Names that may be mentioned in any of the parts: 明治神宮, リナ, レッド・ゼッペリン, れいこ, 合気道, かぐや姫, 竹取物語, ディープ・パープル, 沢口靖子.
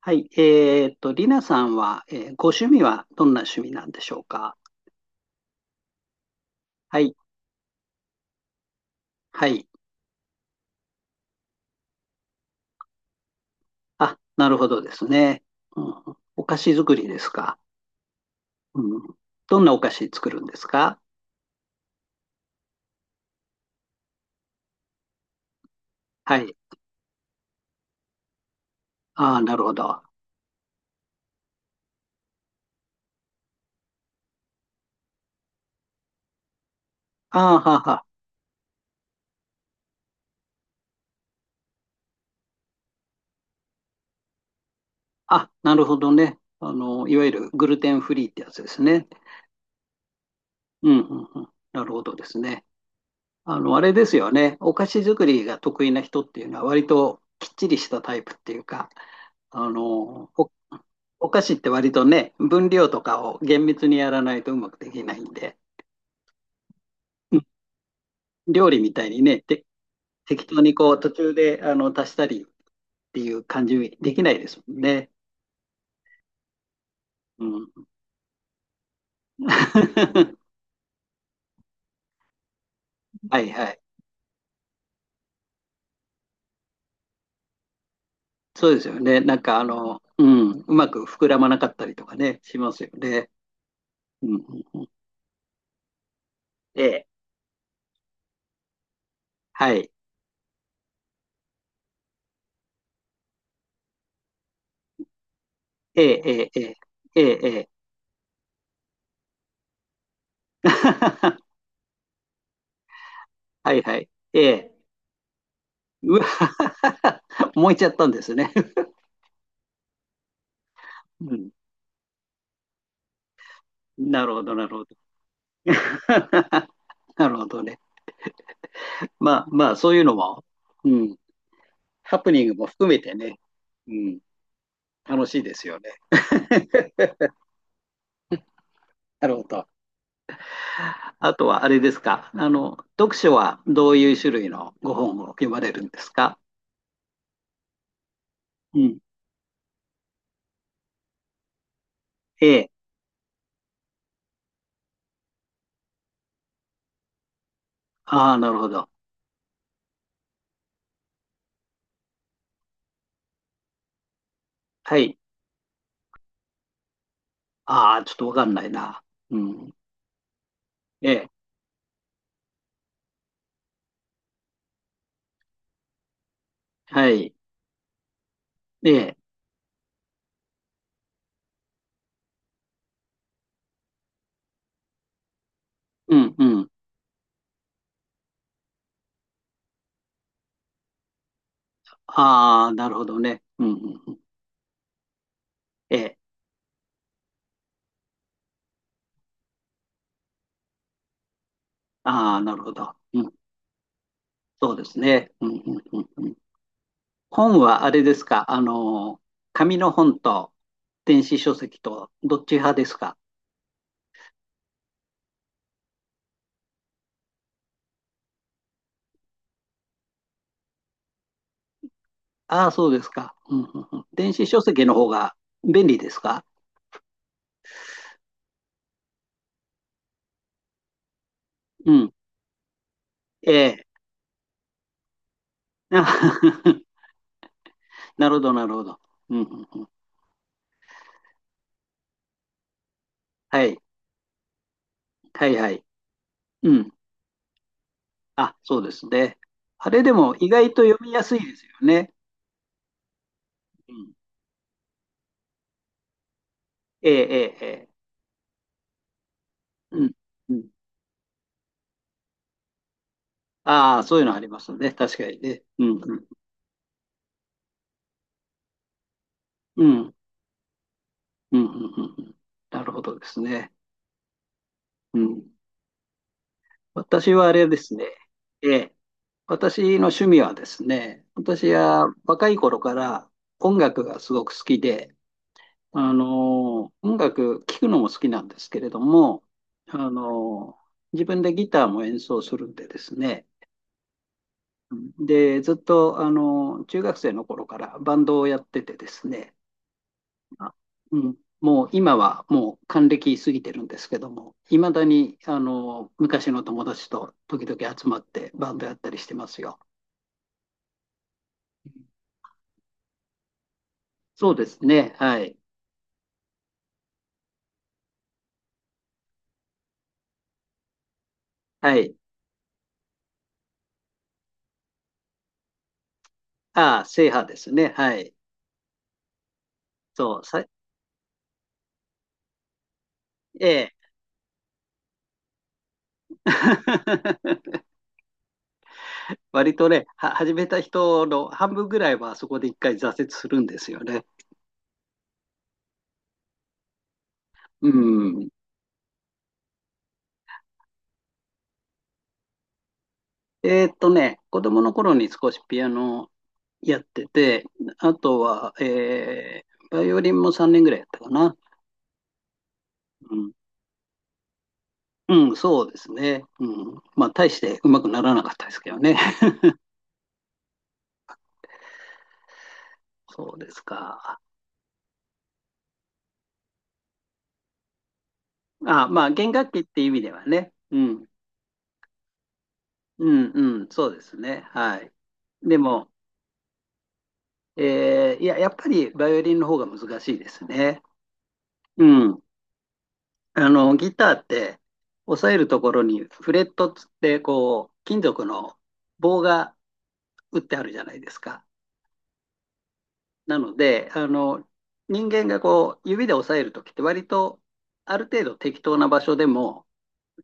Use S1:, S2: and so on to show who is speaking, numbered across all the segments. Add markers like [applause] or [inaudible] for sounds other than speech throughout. S1: はい。リナさんは、ご趣味はどんな趣味なんでしょうか？はい。はい。あ、なるほどですね。うん、お菓子作りですか。うん。どんなお菓子作るんですか？はい。ああ、なるほど。ああ、はあはあ。あ、なるほどね。あの、いわゆるグルテンフリーってやつですね。うん、うん、うん。なるほどですね。あの、あれですよね。お菓子作りが得意な人っていうのは割ときっちりしたタイプっていうか、あの、おお菓子って割とね、分量とかを厳密にやらないとうまくできないんで、うん、料理みたいにね、て適当にこう途中であの足したりっていう感じできないですもんね。うん。[laughs] はいはい。そうですよね。なんかあの、うん、うまく膨らまなかったりとかね、しますよね。うんうん。ええ。はい。ええ、ええ。ええ、ええ。[laughs] はいはい。ええ。うわ。 [laughs] 燃えちゃったんですね。うん。なるほど、なるほど。[laughs] なるほどね。まあまあ、そういうのも、うん、ハプニングも含めてね、うん、楽しいですよね。[laughs] なるほど。あとはあれですか、あの、読書はどういう種類のご本を読まれるんですか？うん。ええ。ああ、なるほど。はい。ああ、ちょっとわかんないな。うん。ええ。はい。ええ。うんうん。ああ、なるほどね。うんうんうん。ええ。ああ、なるほど。うん。そうですね。うんうんうんうん。本はあれですか、あの、紙の本と電子書籍とどっち派ですか？ああ、そうですか。うんうんうん。電子書籍の方が便利ですか？うん。ええ。[laughs] なるほど、なるほど。うんうんうん。はい。はい、はい。うん。あ、そうですね。あれでも意外と読みやすいですよね。うん。ええ、ええ、ええ。うん。うん。ああ、そういうのありますね。確かにね。うん、うん。うん、うん、うん。うんうん、なるほどですね。うん。私はあれですね。ええ。私の趣味はですね、私は若い頃から音楽がすごく好きで、あの、音楽聴くのも好きなんですけれども、あの、自分でギターも演奏するんでですね、で、ずっと、あの、中学生の頃からバンドをやっててですね、あ、うん、もう今はもう還暦過ぎてるんですけども、いまだにあの昔の友達と時々集まってバンドやったりしてますよ。そうですね。はい。はい。ああ、制覇ですね。はい。そう。さ、ええ。[laughs] 割とね、は、始めた人の半分ぐらいはそこで一回挫折するんですよね。うん。子供の頃に少しピアノやってて、あとは、バイオリンも3年ぐらいやったかな。うん、うん、そうですね。うん。まあ、大してうまくならなかったですけどね。[laughs] そうですか。あ、まあ、弦楽器っていう意味ではね。うん、うん、うん、そうですね。はい。でも、いや、やっぱりバイオリンの方が難しいですね。うん。あの、ギターって、押さえるところにフレットっつって、こう、金属の棒が打ってあるじゃないですか。なので、あの、人間がこう、指で押さえるときって割と、ある程度適当な場所でも、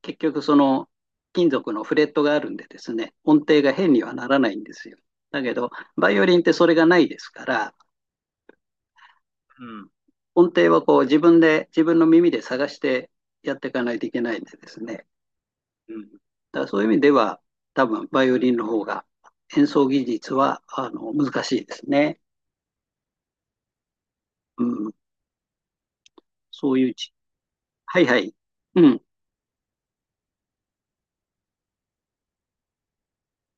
S1: 結局その、金属のフレットがあるんでですね、音程が変にはならないんですよ。だけど、バイオリンってそれがないですから、うん。音程はこう、自分で、自分の耳で探してやっていかないといけないんでですね。うん。だからそういう意味では、多分、バイオリンの方が、演奏技術は、あの、難しいですね。うん。そういうち、はいはい。うん。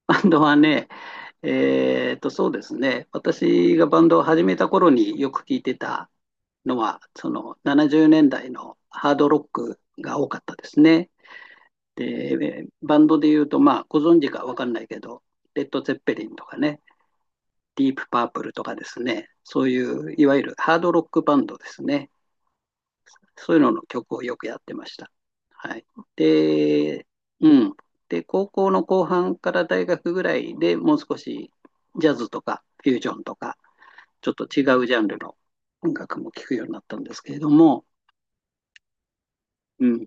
S1: バンドはね、そうですね、私がバンドを始めた頃によく聞いてたのは、その70年代のハードロックが多かったですね。で、バンドで言うと、まあ、ご存知か分かんないけど、レッド・ゼッペリンとかね、ディープ・パープルとかですね、そういういわゆるハードロックバンドですね。そういうのの曲をよくやってました。はい。で、うん。で、高校の後半から大学ぐらいでもう少しジャズとかフュージョンとか、ちょっと違うジャンルの音楽も聴くようになったんですけれども、うん。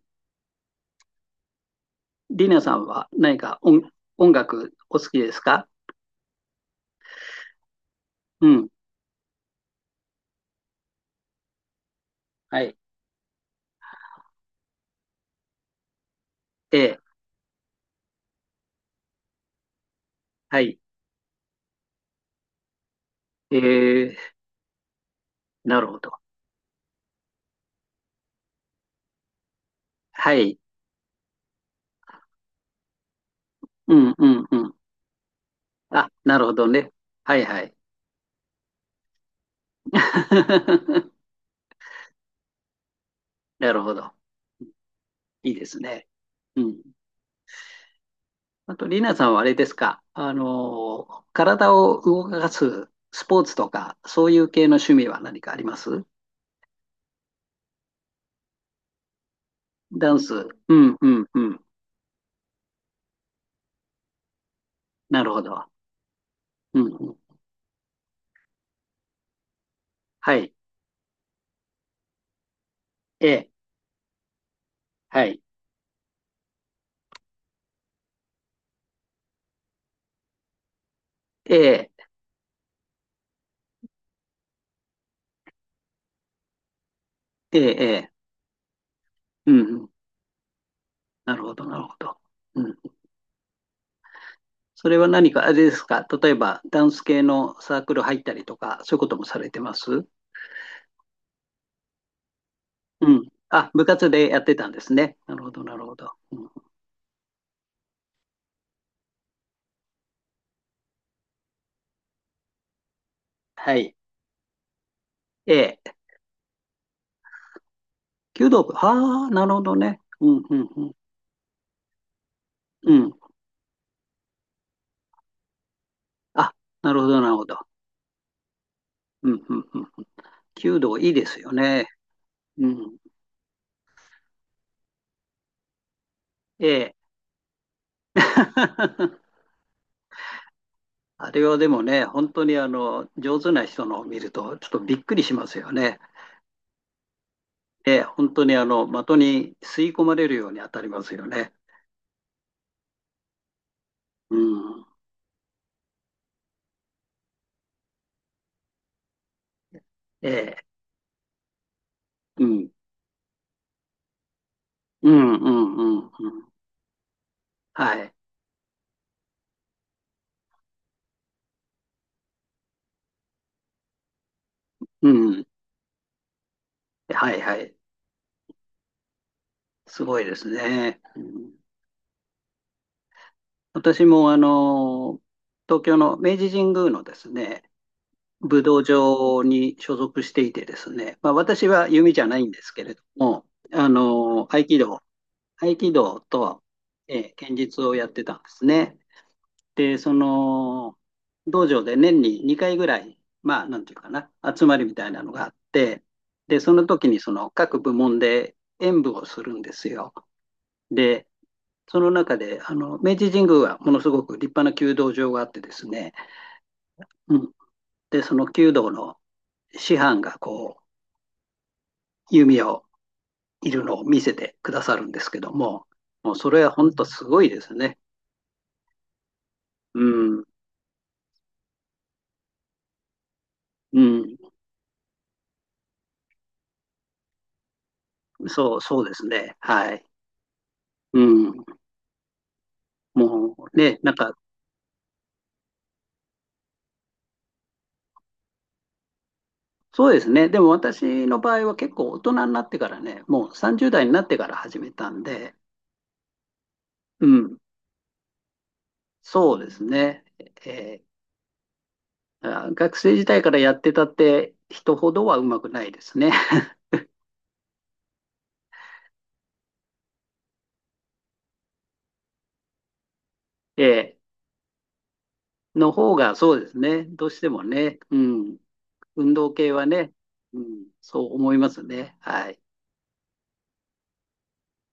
S1: リナさんは何か音、音楽お好きですか？うん。はい。ええ、はい。ええ、なるほど。はい。うんうんうん。あ、なるほどね。はいはい。[laughs] なるほど。いいですね。うん。あと、リナさんはあれですか、あの、体を動かすスポーツとか、そういう系の趣味は何かあります？ダンス。うん、うん、うん。なるほど。うん、うん。はい。ええ、はい。ええ、ええ、ええ、うん、うん。なるほど、なるほど。うん。それは何か、あれですか、例えば、ダンス系のサークル入ったりとか、そういうこともされてます？うん。あ、部活でやってたんですね。なるほど、なるほど。うん、はい。ええ、弓道部。ああ、なるほどね。うん、うん、うん。うん。あ、なるほど、なるほど。うん、うん、うん。弓道いいですよね。うん。ええ。[laughs] あれはでもね、本当にあの、上手な人のを見ると、ちょっとびっくりしますよね。ええ、本当にあの、的に吸い込まれるように当たりますよね。うん。ええ。うん。うん、うん、うん、うん。はい。うん。はい、はい。すごいですね。うん、私もあの、東京の明治神宮のですね、武道場に所属していてですね、まあ、私は弓じゃないんですけれども、あの、合気道、合気道と、剣術をやってたんですね。で、その、道場で年に2回ぐらい、まあ、なんていうかな、集まりみたいなのがあって、で、その時にその各部門で演舞をするんですよ。で、その中で、あの、明治神宮はものすごく立派な弓道場があってですね、うん。で、その弓道の師範がこう、弓矢をいるのを見せてくださるんですけども、もうそれは本当すごいですね。うん、うん、そう、そうですね。はい。うん、もうね、なんか、そうですね。でも私の場合は結構大人になってからね、もう30代になってから始めたんで、うん、そうですね。えーあ、学生時代からやってたって人ほどはうまくないですね。[laughs] えの方がそうですね。どうしてもね。うん。運動系はね、うん、そう思いますね。はい。